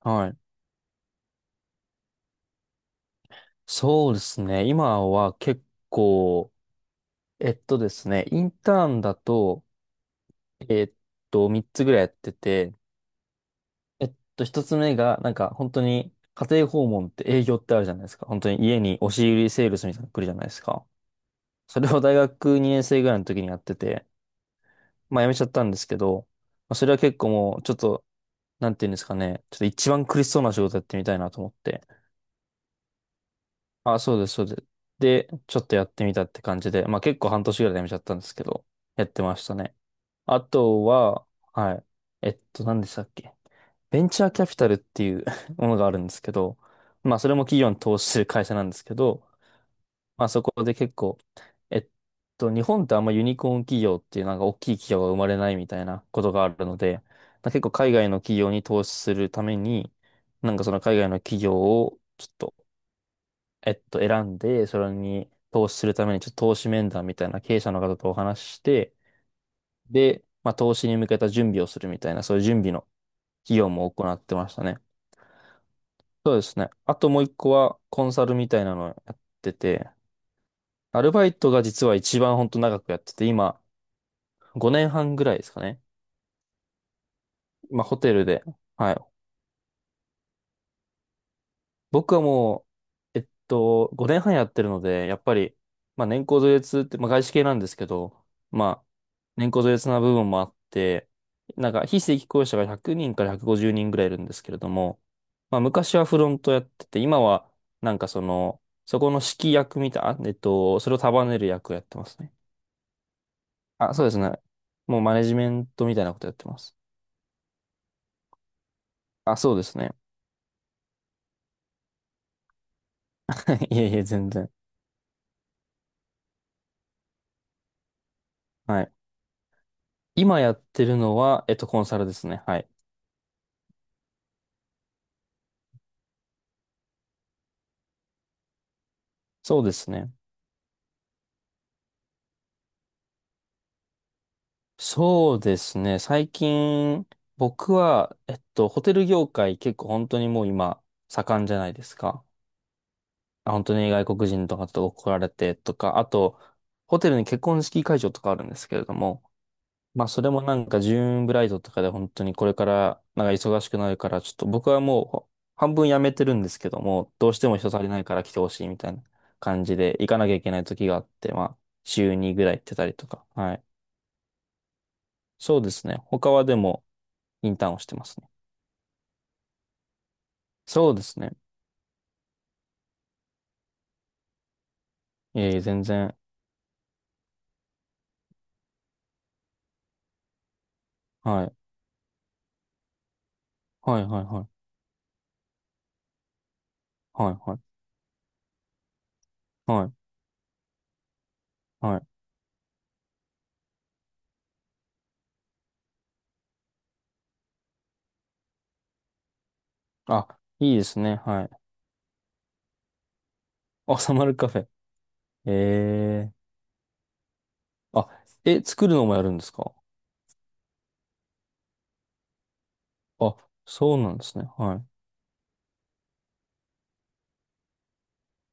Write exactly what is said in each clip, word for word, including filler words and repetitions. はい。そうですね。今は結構、えっとですね、インターンだと、えっと、みっつぐらいやってて、えっと、一つ目が、なんか本当に家庭訪問って営業ってあるじゃないですか。本当に家に押し売りセールスみたいなの来るじゃないですか。それを大学にねん生ぐらいの時にやってて、まあ辞めちゃったんですけど、まあ、それは結構もう、ちょっと、なんていうんですかね、ちょっと一番苦しそうな仕事やってみたいなと思って、あ、そうです、そうです。で、ちょっとやってみたって感じで、まあ結構半年ぐらいでやめちゃったんですけど、やってましたね。あとは、はい。えっと、何でしたっけ？ベンチャーキャピタルっていう ものがあるんですけど、まあそれも企業に投資する会社なんですけど、まあそこで結構、えっと、日本ってあんまユニコーン企業っていうなんか大きい企業が生まれないみたいなことがあるので、まあ結構海外の企業に投資するために、なんかその海外の企業をちょっとえっと、選んで、それに投資するために、ちょっと投資面談みたいな経営者の方とお話しして、で、まあ、投資に向けた準備をするみたいな、そういう準備の費用も行ってましたね。そうですね。あともう一個は、コンサルみたいなのをやってて、アルバイトが実は一番本当長くやってて、今、ごねんはんぐらいですかね。まあ、ホテルで、はい、僕はもう、えっと、ごねんはんやってるので、やっぱり、まあ年功序列って、まあ外資系なんですけど、まあ、年功序列な部分もあって、なんか非正規雇用者がひゃくにんからひゃくごじゅうにんぐらいいるんですけれども、まあ昔はフロントやってて、今はなんかその、そこの指揮役みたいな、あえっと、それを束ねる役をやってますね。あ、そうですね。もうマネジメントみたいなことやってます。あ、そうですね。いえいえ、全然。はい。今やってるのは、えっと、コンサルですね。はい。そうですね。そうですね。最近、僕は、えっと、ホテル業界結構本当にもう今、盛んじゃないですか。本当に外国人とかと怒られてとか、あと、ホテルに結婚式会場とかあるんですけれども、まあそれもなんかジューンブライドとかで本当にこれからなんか忙しくなるから、ちょっと僕はもうほ半分やめてるんですけども、どうしても人足りないから来てほしいみたいな感じで行かなきゃいけない時があって、まあ週にぐらい行ってたりとか。はい。そうですね。他はでも、インターンをしてますね。そうですね。ええ、全然。はい。はい、はい、はい。はい、はい。はい、はい。あ、いいですね。はい。あ、サマルカフェ。ええ。あ、え、作るのもやるんですか？あ、そうなんですね。は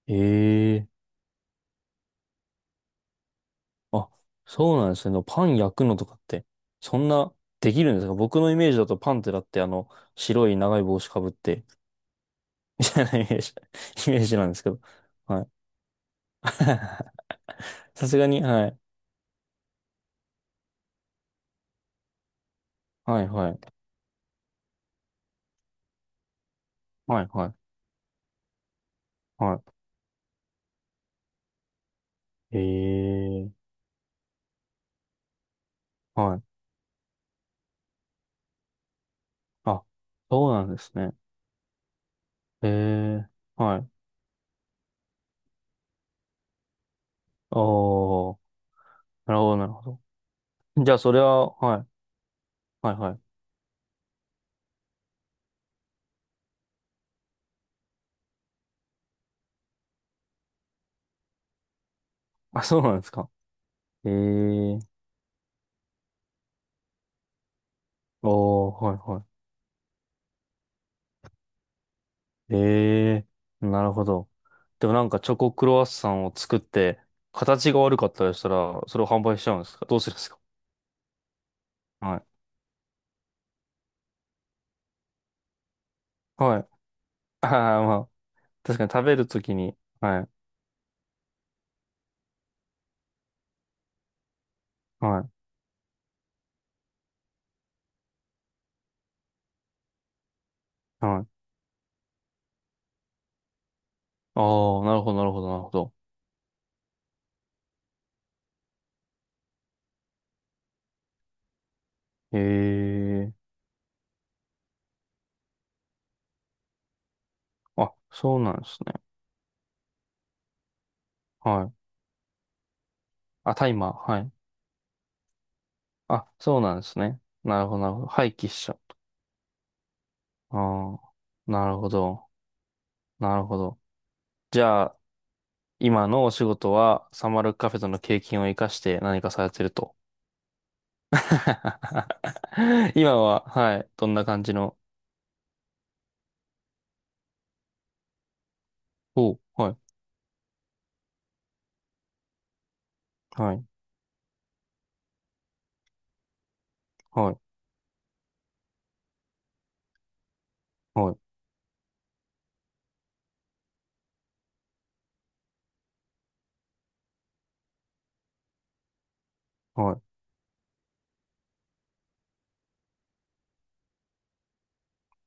い。ええ。あ、そうなんですね。パン焼くのとかって、そんな、できるんですか？僕のイメージだとパンってだって、あの、白い長い帽子かぶって、みたいなイメージ、イメージなんですけど。はい。さすがに、はい。はいはい。はいはい。はい。ええ。はい。あ、そうなんですね。ええ。はい。おー。なるほど、なるほど。じゃあ、それは、はい。はいはい。あ、そうなんですか？ええ。おー、はいはい。ええ。なるほど。でもなんかチョコクロワッサンを作って、形が悪かったりしたら、それを販売しちゃうんですか？どうするんですか？はい。はい。ああ、まあ、確かに食べるときに、はい。はい。はい。ああ、なるほど、なるほど、なるほど。ええ。あ、そうなんですね。はい。あ、タイマー、はい。あ、そうなんですね。なるほど、なるほど。廃棄しちゃうと。ああ、なるほど、なるほど。じゃあ、今のお仕事は、サマルカフェとの経験を生かして何かされてると。今は、はい、どんな感じの、お、はい、はい、はい、はい、はい、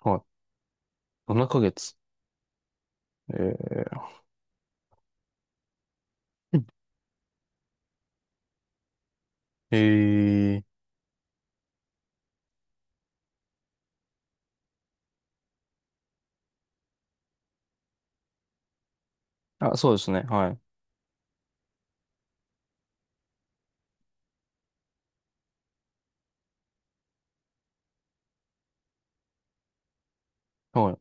はい。ななかげつ。えー、えー、あ、そうですね、はい、はい。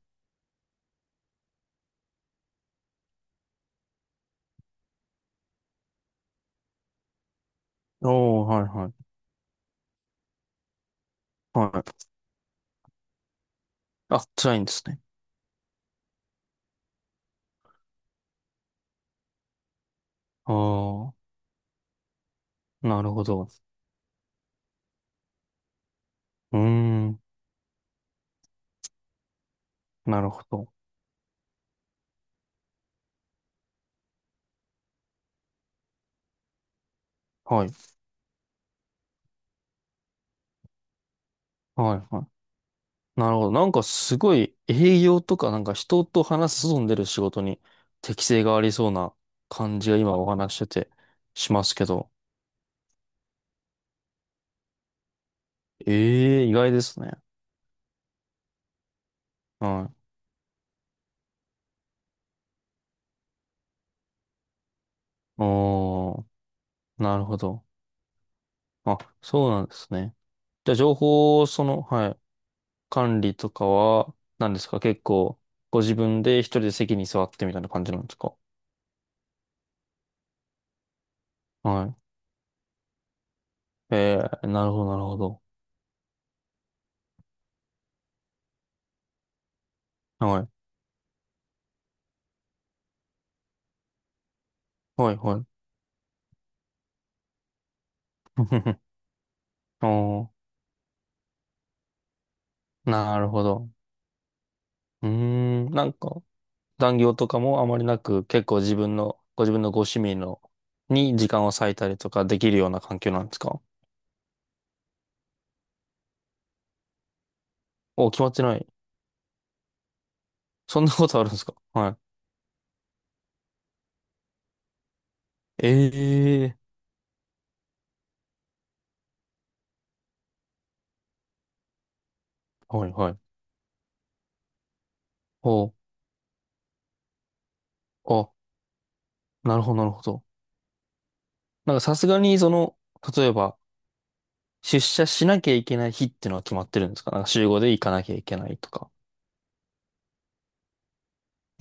おー、はい、はい、はい。あ、辛いんですね。ああ、なるほど。うーん、なるほど。はい。はい、はい。なるほど。なんかすごい営業とかなんか人と話す進んでる仕事に適性がありそうな感じが今お話しててしますけど。ええ、意外ですね。はい。おー、なるほど。あ、そうなんですね。じゃあ情報、その、はい、管理とかは、何ですか？結構、ご自分で一人で席に座ってみたいな感じなんですか？はい。えー、なるほど、なるほど。はい。はい、はい。おー、なるほど。うーん、なんか、残業とかもあまりなく、結構自分の、ご自分のご趣味の、に時間を割いたりとかできるような環境なんですか？お、決まってない。そんなことあるんですか？はい。ええー、はい、はい。お、あ、なるほど、なるほど。なんかさすがに、その、例えば、出社しなきゃいけない日っていうのは決まってるんですか？なんか週ごで行かなきゃいけないとか。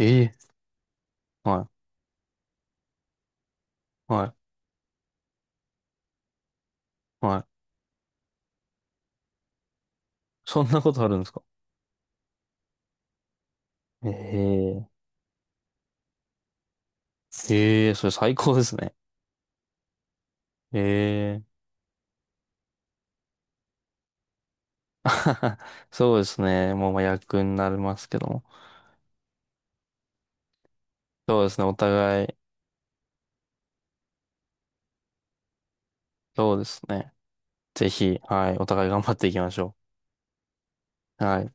ええーはい、はい、はい。そんなことあるんですか？ええ。ええ、それ最高ですね。ええ。そうですね。もうまあ役になりますけども。そうですね。お互い、そうですね。ぜひ、はい、お互い頑張っていきましょう。はい。